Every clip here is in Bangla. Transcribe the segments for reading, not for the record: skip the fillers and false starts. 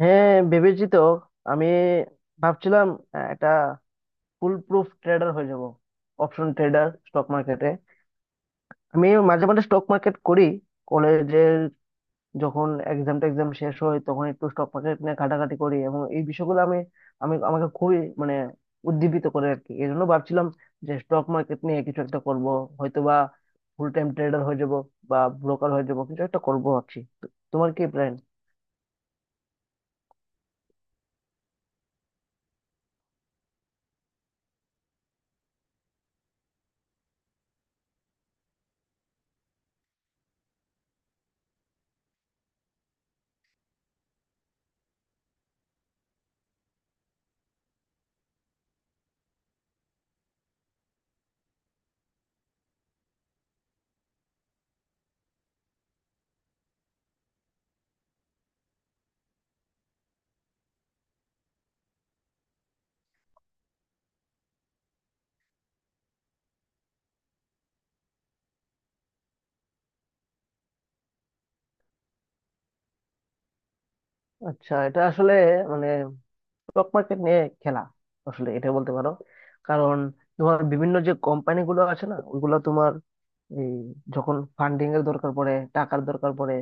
হ্যাঁ, ভেবেছি তো। আমি ভাবছিলাম একটা ফুল প্রুফ ট্রেডার হয়ে যাব, অপশন ট্রেডার স্টক মার্কেটে। আমি মাঝে মাঝে স্টক মার্কেট করি, কলেজের যখন এক্সাম টেক্সাম শেষ হয় তখন একটু স্টক মার্কেট নিয়ে ঘাটাঘাটি করি, এবং এই বিষয়গুলো আমি আমি আমাকে খুবই মানে উদ্দীপিত করে আর কি। এই জন্য ভাবছিলাম যে স্টক মার্কেট নিয়ে কিছু একটা করব, হয়তো বা ফুল টাইম ট্রেডার হয়ে যাব, বা ব্রোকার হয়ে যাব, কিছু একটা করবো ভাবছি তো। তোমার কি প্ল্যান? আচ্ছা, এটা আসলে মানে স্টক মার্কেট নিয়ে খেলা আসলে এটা বলতে পারো। কারণ তোমার বিভিন্ন যে কোম্পানি গুলো আছে না ওইগুলো তোমার এই যখন ফান্ডিং এর দরকার পড়ে, টাকার দরকার পড়ে,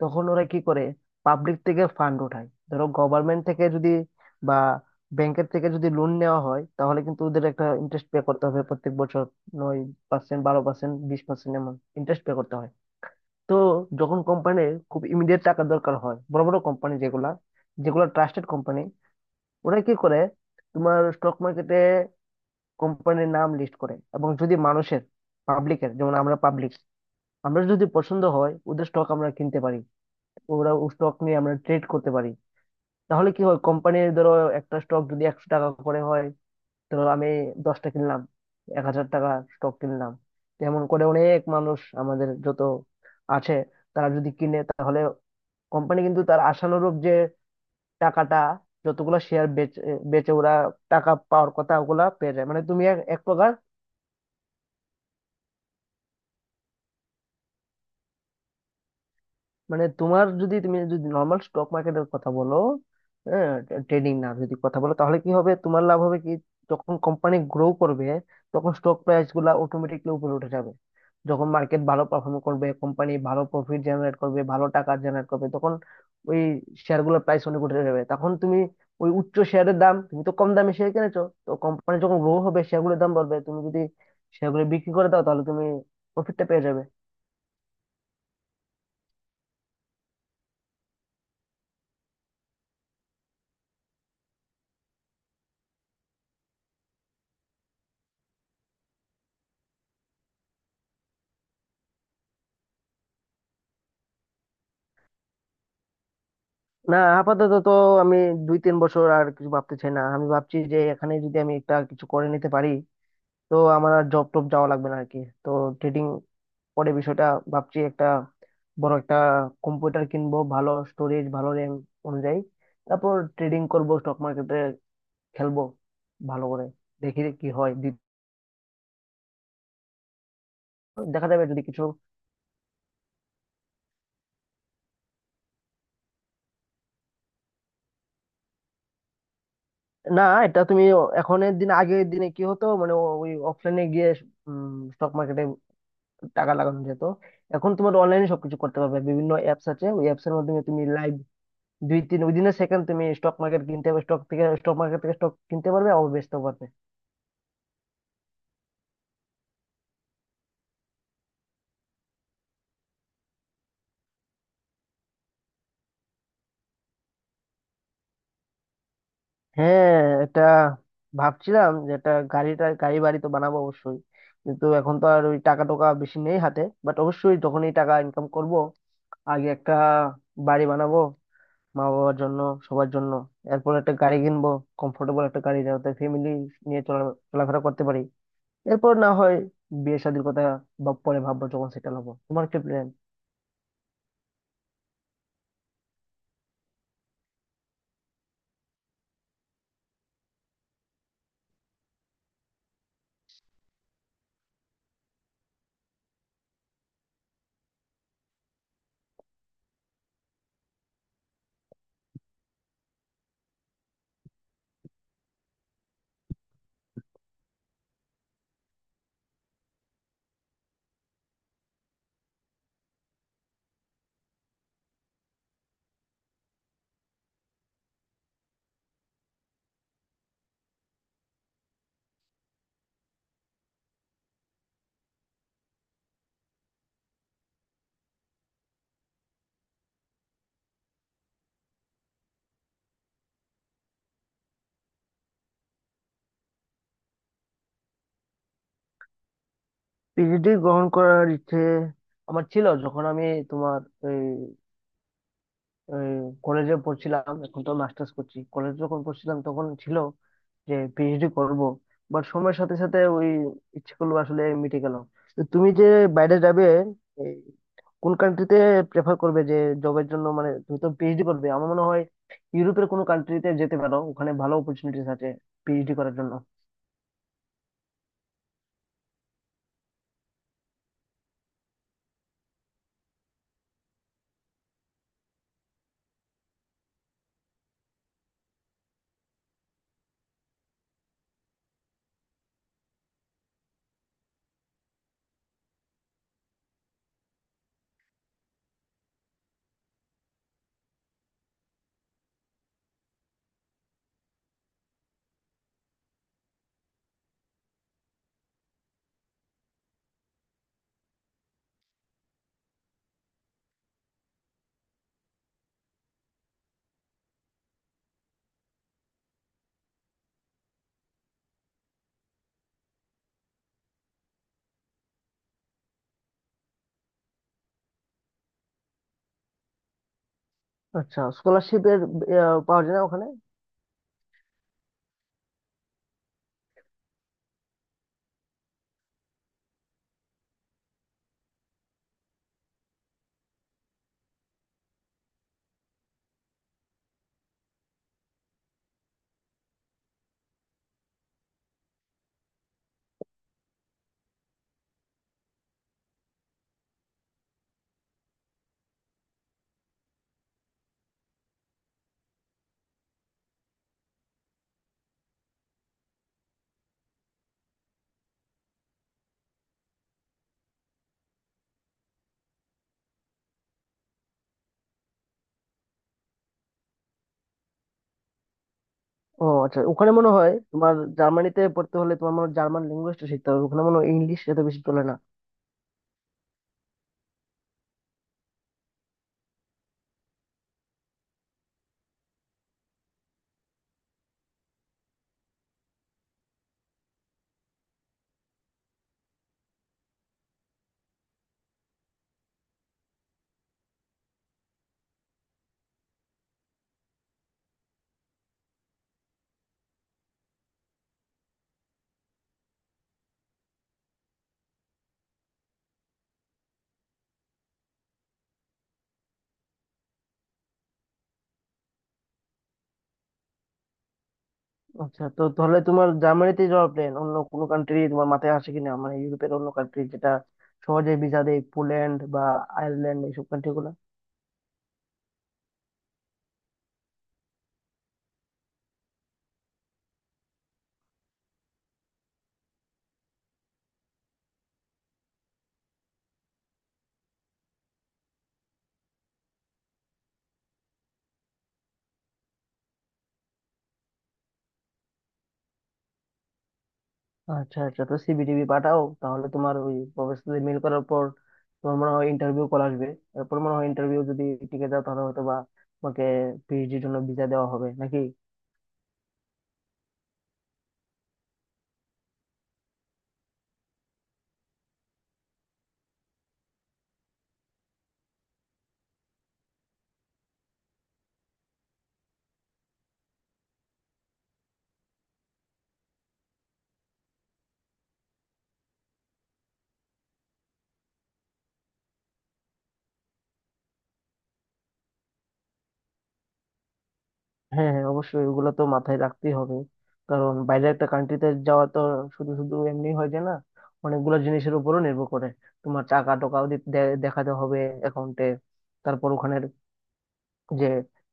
তখন ওরা কি করে, পাবলিক থেকে ফান্ড ওঠায়। ধরো গভর্নমেন্ট থেকে যদি বা ব্যাংকের থেকে যদি লোন নেওয়া হয় তাহলে কিন্তু ওদের একটা ইন্টারেস্ট পে করতে হবে প্রত্যেক বছর, 9%, 12%, 20%, এমন ইন্টারেস্ট পে করতে হয়। তো যখন কোম্পানির খুব ইমিডিয়েট টাকা দরকার হয়, বড় বড় কোম্পানি যেগুলো ট্রাস্টেড কোম্পানি, ওরা কি করে, তোমার স্টক মার্কেটে কোম্পানির নাম লিস্ট করে, এবং যদি মানুষের, পাবলিকের, যেমন আমরা পাবলিক, আমরা যদি পছন্দ হয় ওদের স্টক আমরা কিনতে পারি। ওরা স্টক নিয়ে আমরা ট্রেড করতে পারি। তাহলে কি হয়, কোম্পানির ধরো একটা স্টক যদি 100 টাকা করে হয়, ধরো আমি 10টা কিনলাম, 1,000 টাকা স্টক কিনলাম। তেমন করে অনেক মানুষ আমাদের যত আছে তারা যদি কিনে, তাহলে কোম্পানি কিন্তু তার আশানুরূপ যে টাকাটা, যতগুলা শেয়ার বেচে বেচে ওরা টাকা পাওয়ার কথা ওগুলা পেয়ে যায়। মানে তুমি এক এক প্রকার মানে তোমার যদি, তুমি যদি নর্মাল স্টক মার্কেটের কথা বলো, হ্যাঁ, ট্রেডিং না, যদি কথা বলো তাহলে কি হবে, তোমার লাভ হবে কি, যখন কোম্পানি গ্রো করবে তখন স্টক প্রাইস গুলা অটোমেটিকলি উপরে উঠে যাবে। যখন মার্কেট ভালো পারফর্ম করবে, কোম্পানি ভালো প্রফিট জেনারেট করবে, ভালো টাকা জেনারেট করবে, তখন ওই শেয়ার গুলোর প্রাইস অনেক উঠে যাবে। তখন তুমি ওই উচ্চ শেয়ারের দাম, তুমি তো কম দামে শেয়ার কিনেছো, তো কোম্পানি যখন গ্রো হবে, শেয়ারগুলোর দাম বাড়বে, তুমি যদি শেয়ারগুলো বিক্রি করে দাও তাহলে তুমি প্রফিটটা পেয়ে যাবে। না, আপাতত তো আমি 2-3 বছর আর কিছু ভাবতে চাই না। আমি ভাবছি যে এখানে যদি আমি একটা কিছু করে নিতে পারি তো আমার আর জব টপ যাওয়া লাগবে না আর কি। তো ট্রেডিং পরে বিষয়টা ভাবছি, একটা বড় একটা কম্পিউটার কিনবো, ভালো স্টোরেজ ভালো র্যাম অনুযায়ী, তারপর ট্রেডিং করব স্টক মার্কেটে, খেলবো ভালো করে, দেখি কি হয়। দেখা যাবে যদি কিছু। না, এটা তুমি এখনের দিন, আগের দিনে কি হতো মানে ওই অফলাইনে গিয়ে স্টক মার্কেটে টাকা লাগানো যেত, এখন তোমার অনলাইনে সবকিছু করতে পারবে। বিভিন্ন অ্যাপস আছে, ওই অ্যাপস এর মাধ্যমে তুমি লাইভ দুই তিন উইদিন সেকেন্ড তুমি স্টক মার্কেট কিনতে পারবে, স্টক থেকে, স্টক মার্কেট থেকে স্টক কিনতে পারবে, আবার বেচতেও পারবে। হ্যাঁ, এটা ভাবছিলাম যে এটা গাড়িটা, গাড়ি বাড়ি তো বানাবো অবশ্যই, কিন্তু এখন তো আর ওই টাকা টোকা বেশি নেই হাতে। বাট অবশ্যই যখনই টাকা ইনকাম করব, আগে একটা বাড়ি বানাবো, মা বাবার জন্য, সবার জন্য। এরপর একটা গাড়ি কিনবো, কমফোর্টেবল একটা গাড়ি, যাতে ফ্যামিলি নিয়ে চলাফেরা করতে পারি। এরপর না হয় বিয়ে শাদীর কথা ভাব পরে ভাববো যখন সেটেল হবো। তোমার কি প্ল্যান? পিএইচডি গ্রহণ করার ইচ্ছে আমার ছিল যখন আমি, তোমার ওই কলেজে পড়ছিলাম, এখন তো মাস্টার্স করছি, কলেজে যখন পড়ছিলাম তখন ছিল যে পিএইচডি করব, বাট সময়ের সাথে সাথে ওই ইচ্ছেগুলো আসলে মিটে গেল। তো তুমি যে বাইরে যাবে, এই কোন কান্ট্রিতে প্রেফার করবে, যে জবের জন্য, মানে তুমি তো পিএইচডি করবে, আমার মনে হয় ইউরোপের কোনো কান্ট্রিতে যেতে পারো, ওখানে ভালো অপরচুনিটিস আছে পিএইচডি করার জন্য। আচ্ছা, স্কলারশিপের পাওয়া যায় না ওখানে? ও আচ্ছা, ওখানে মনে হয় তোমার জার্মানিতে পড়তে হলে তোমার মনে হয় জার্মান ল্যাঙ্গুয়েজটা শিখতে হবে, ওখানে মনে হয় ইংলিশ এত বেশি চলে না। আচ্ছা, তো তাহলে তোমার জার্মানিতে যাওয়ার প্ল্যান, অন্য কোনো কান্ট্রি তোমার মাথায় আসে কিনা, মানে ইউরোপের অন্য কান্ট্রি যেটা সহজে ভিসা দেয়, পোল্যান্ড বা আয়ারল্যান্ড এইসব কান্ট্রি গুলা? আচ্ছা আচ্ছা, তো সিভিটিভি পাঠাও তাহলে। তোমার ওই প্রফেসরদের মেল করার পর তোমার মনে হয় ইন্টারভিউ কল আসবে, এরপর মনে হয় ইন্টারভিউ যদি টিকে যাও তাহলে হয়তো বা তোমাকে পিএইচডির জন্য ভিসা দেওয়া হবে নাকি? হ্যাঁ হ্যাঁ, অবশ্যই ওগুলো তো মাথায় রাখতেই হবে। কারণ বাইরে একটা কান্ট্রিতে যাওয়া তো শুধু শুধু এমনি হয় যায় না, অনেকগুলো জিনিসের উপরও নির্ভর করে। তোমার টাকা টাকাও দেখাতে হবে অ্যাকাউন্টে। তারপর ওখানের যে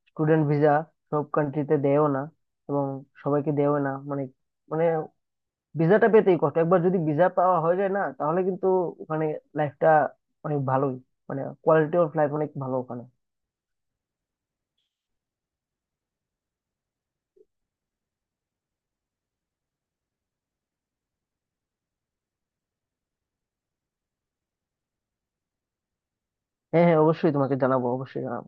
স্টুডেন্ট ভিসা, সব কান্ট্রিতে দেয়ও না, এবং সবাইকে দেয়ও না, মানে মানে ভিসাটা পেতেই কষ্ট। একবার যদি ভিসা পাওয়া হয়ে যায় না, তাহলে কিন্তু ওখানে লাইফটা অনেক ভালোই, মানে কোয়ালিটি অফ লাইফ অনেক ভালো ওখানে। হ্যাঁ হ্যাঁ, অবশ্যই তোমাকে জানাবো, অবশ্যই জানাবো।